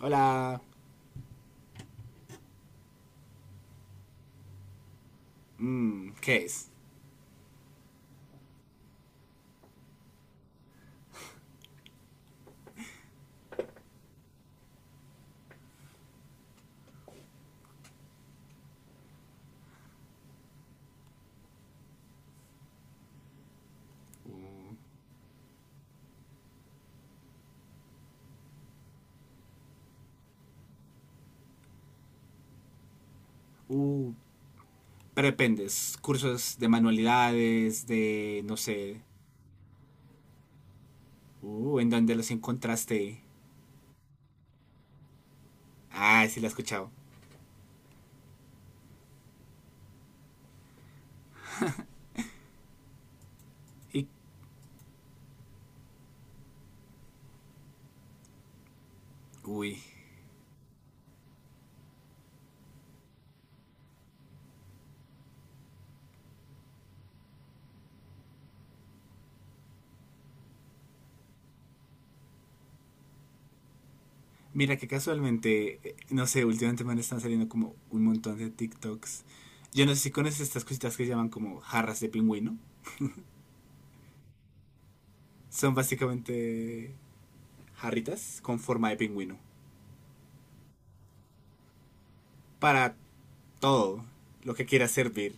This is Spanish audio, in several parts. Hola. Mm, ¿qué es? Uh, prependes, cursos de manualidades, de no sé. ¿En dónde los encontraste? Ah, sí, la he escuchado. Y, uy, mira que casualmente, no sé, últimamente me están saliendo como un montón de TikToks. Yo no sé si conoces estas cositas que se llaman como jarras de pingüino. Son básicamente jarritas con forma de pingüino. Para todo lo que quieras servir.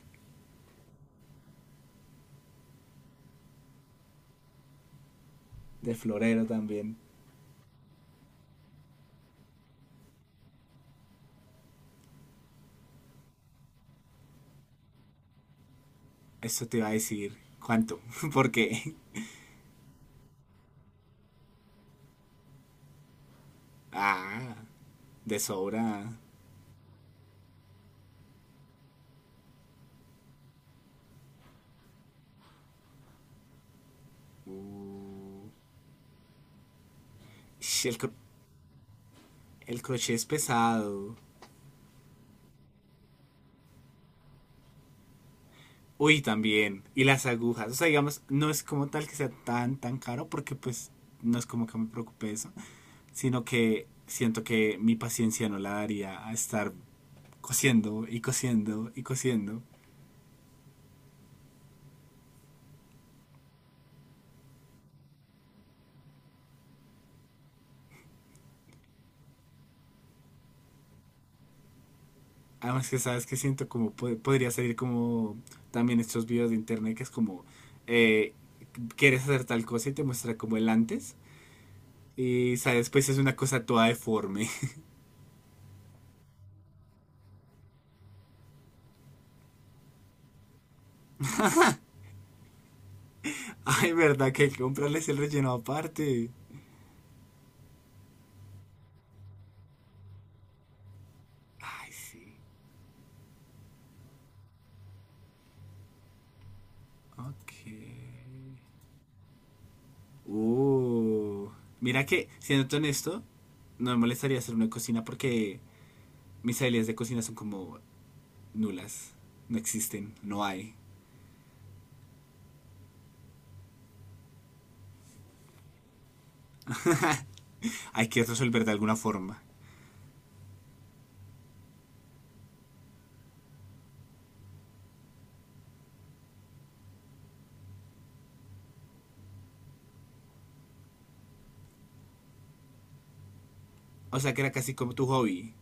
De florero también. Eso te iba a decir. ¿Cuánto? Porque. Ah, de sobra. Uh, sh, el, cro- el crochet es pesado. Uy, también. Y las agujas. O sea, digamos, no es como tal que sea tan caro, porque pues no es como que me preocupe eso. Sino que siento que mi paciencia no la daría a estar cosiendo y cosiendo y cosiendo. Además que sabes que siento como podría salir como también estos videos de internet que es como eh, quieres hacer tal cosa y te muestra como el antes y sabes pues es una cosa toda deforme. Ay, verdad que hay que comprarles el relleno aparte. Ay, sí. Ok. Uh. Mira que, siendo honesto, no me molestaría hacer una cocina porque mis habilidades de cocina son como nulas. No existen, no hay. Hay que resolver de alguna forma. O sea, que era casi como tu hobby.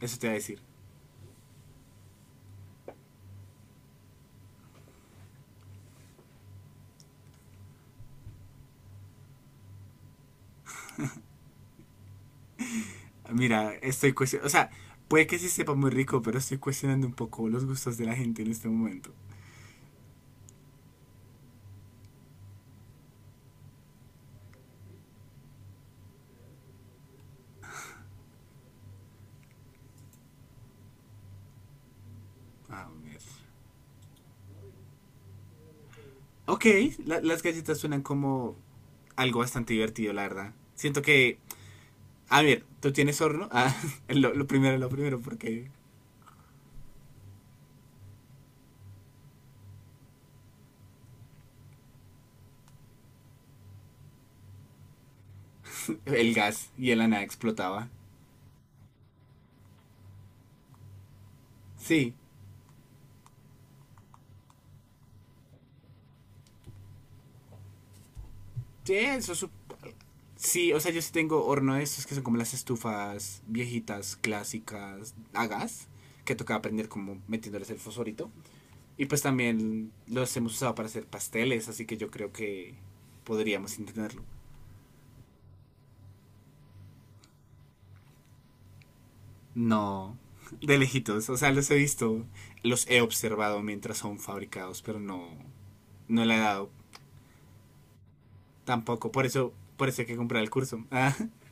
Eso te iba a decir. Mira, estoy cuestionando. O sea, puede que sí sepa muy rico, pero estoy cuestionando un poco los gustos de la gente en este momento. Ah, mierda. Ok, las galletas suenan como algo bastante divertido, la verdad. Siento que. A ver, ¿tú tienes horno? Ah, lo primero, porque el gas y el ana explotaba. Sí, sí, eso es. Sí, o sea, yo sí tengo horno de esos que son como las estufas viejitas, clásicas, a gas, que tocaba aprender como metiéndoles el fosforito. Y pues también los hemos usado para hacer pasteles, así que yo creo que podríamos intentarlo. No, de lejitos, o sea, los he visto, los he observado mientras son fabricados, pero no, no le he dado tampoco. Por eso hay que comprar el curso.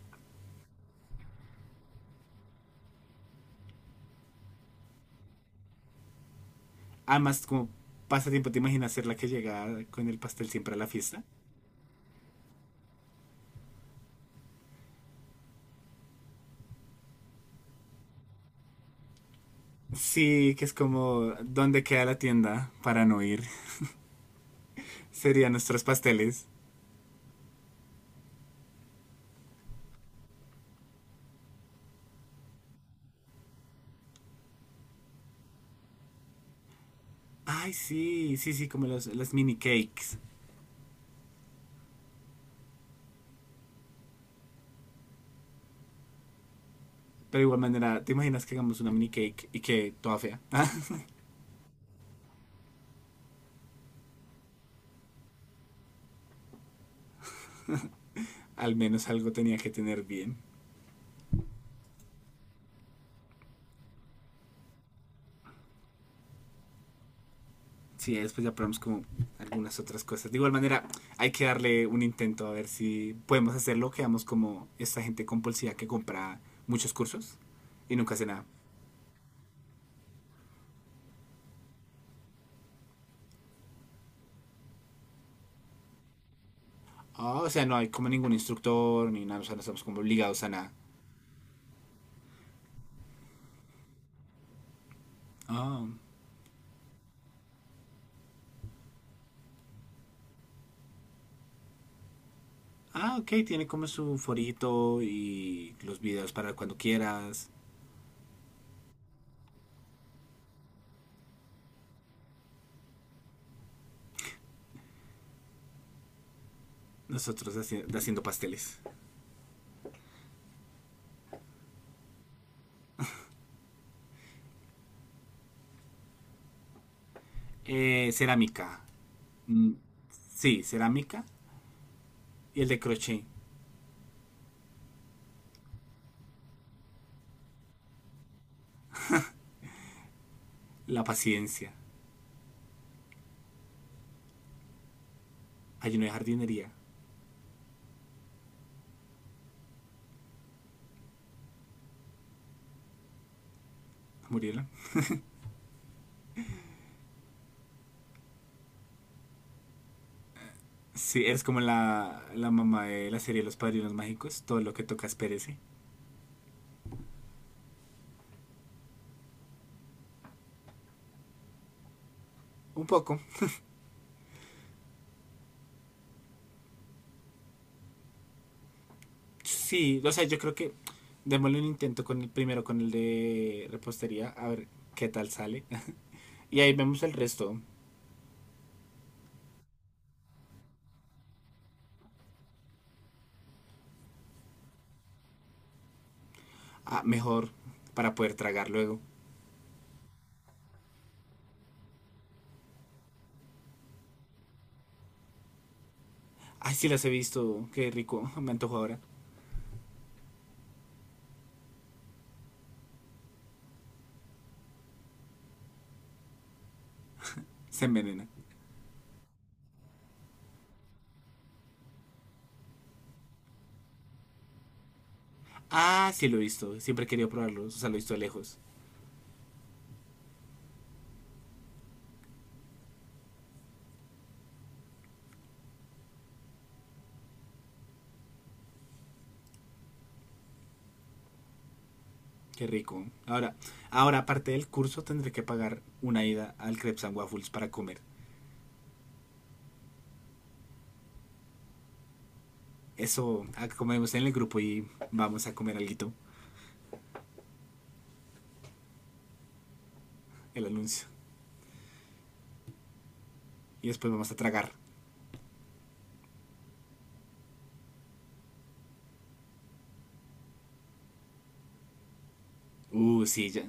Además, como pasa tiempo, ¿te imaginas ser la que llega con el pastel siempre a la fiesta? Sí, que es como, ¿dónde queda la tienda para no ir? Serían nuestros pasteles. Ay, sí, sí, sí, como los, las mini cakes. Pero de igual manera, ¿te imaginas que hagamos una mini cake y que toda fea? Al menos algo tenía que tener bien. Sí, después ya probamos como algunas otras cosas. De igual manera, hay que darle un intento a ver si podemos hacerlo. Quedamos como esta gente compulsiva que compra muchos cursos y nunca hace nada. Ah, o sea, no hay como ningún instructor ni nada, o sea, no estamos como obligados a nada. Ah. Ah, ok, tiene como su forito y los videos para cuando quieras. Nosotros haciendo pasteles. Cerámica. Mm, sí, cerámica. Y el de crochet. La paciencia. Ayuno de jardinería. Murieron. Sí, eres como la mamá de la serie Los Padrinos Mágicos. Todo lo que tocas perece. Un poco. Sí, o sea, yo creo que démosle un intento con el primero, con el de repostería. A ver qué tal sale. Y ahí vemos el resto. Ah, mejor para poder tragar luego. Ay, sí las he visto, qué rico, me antojo ahora. Se envenena. Ah, sí lo he visto, siempre he querido probarlos, o sea, lo he visto de lejos. Qué rico. Ahora, ahora aparte del curso tendré que pagar una ida al Crepes and Waffles para comer. Eso, ah, comemos en el grupo y vamos a comer algo, el anuncio. Y después vamos a tragar. Sí, ya,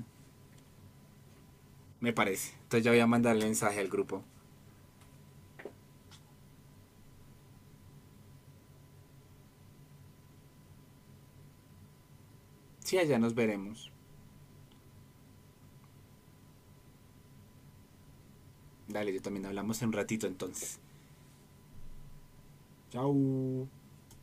me parece. Entonces ya voy a mandarle mensaje al grupo. Sí, allá nos veremos. Dale, yo también hablamos en un ratito entonces. Chao.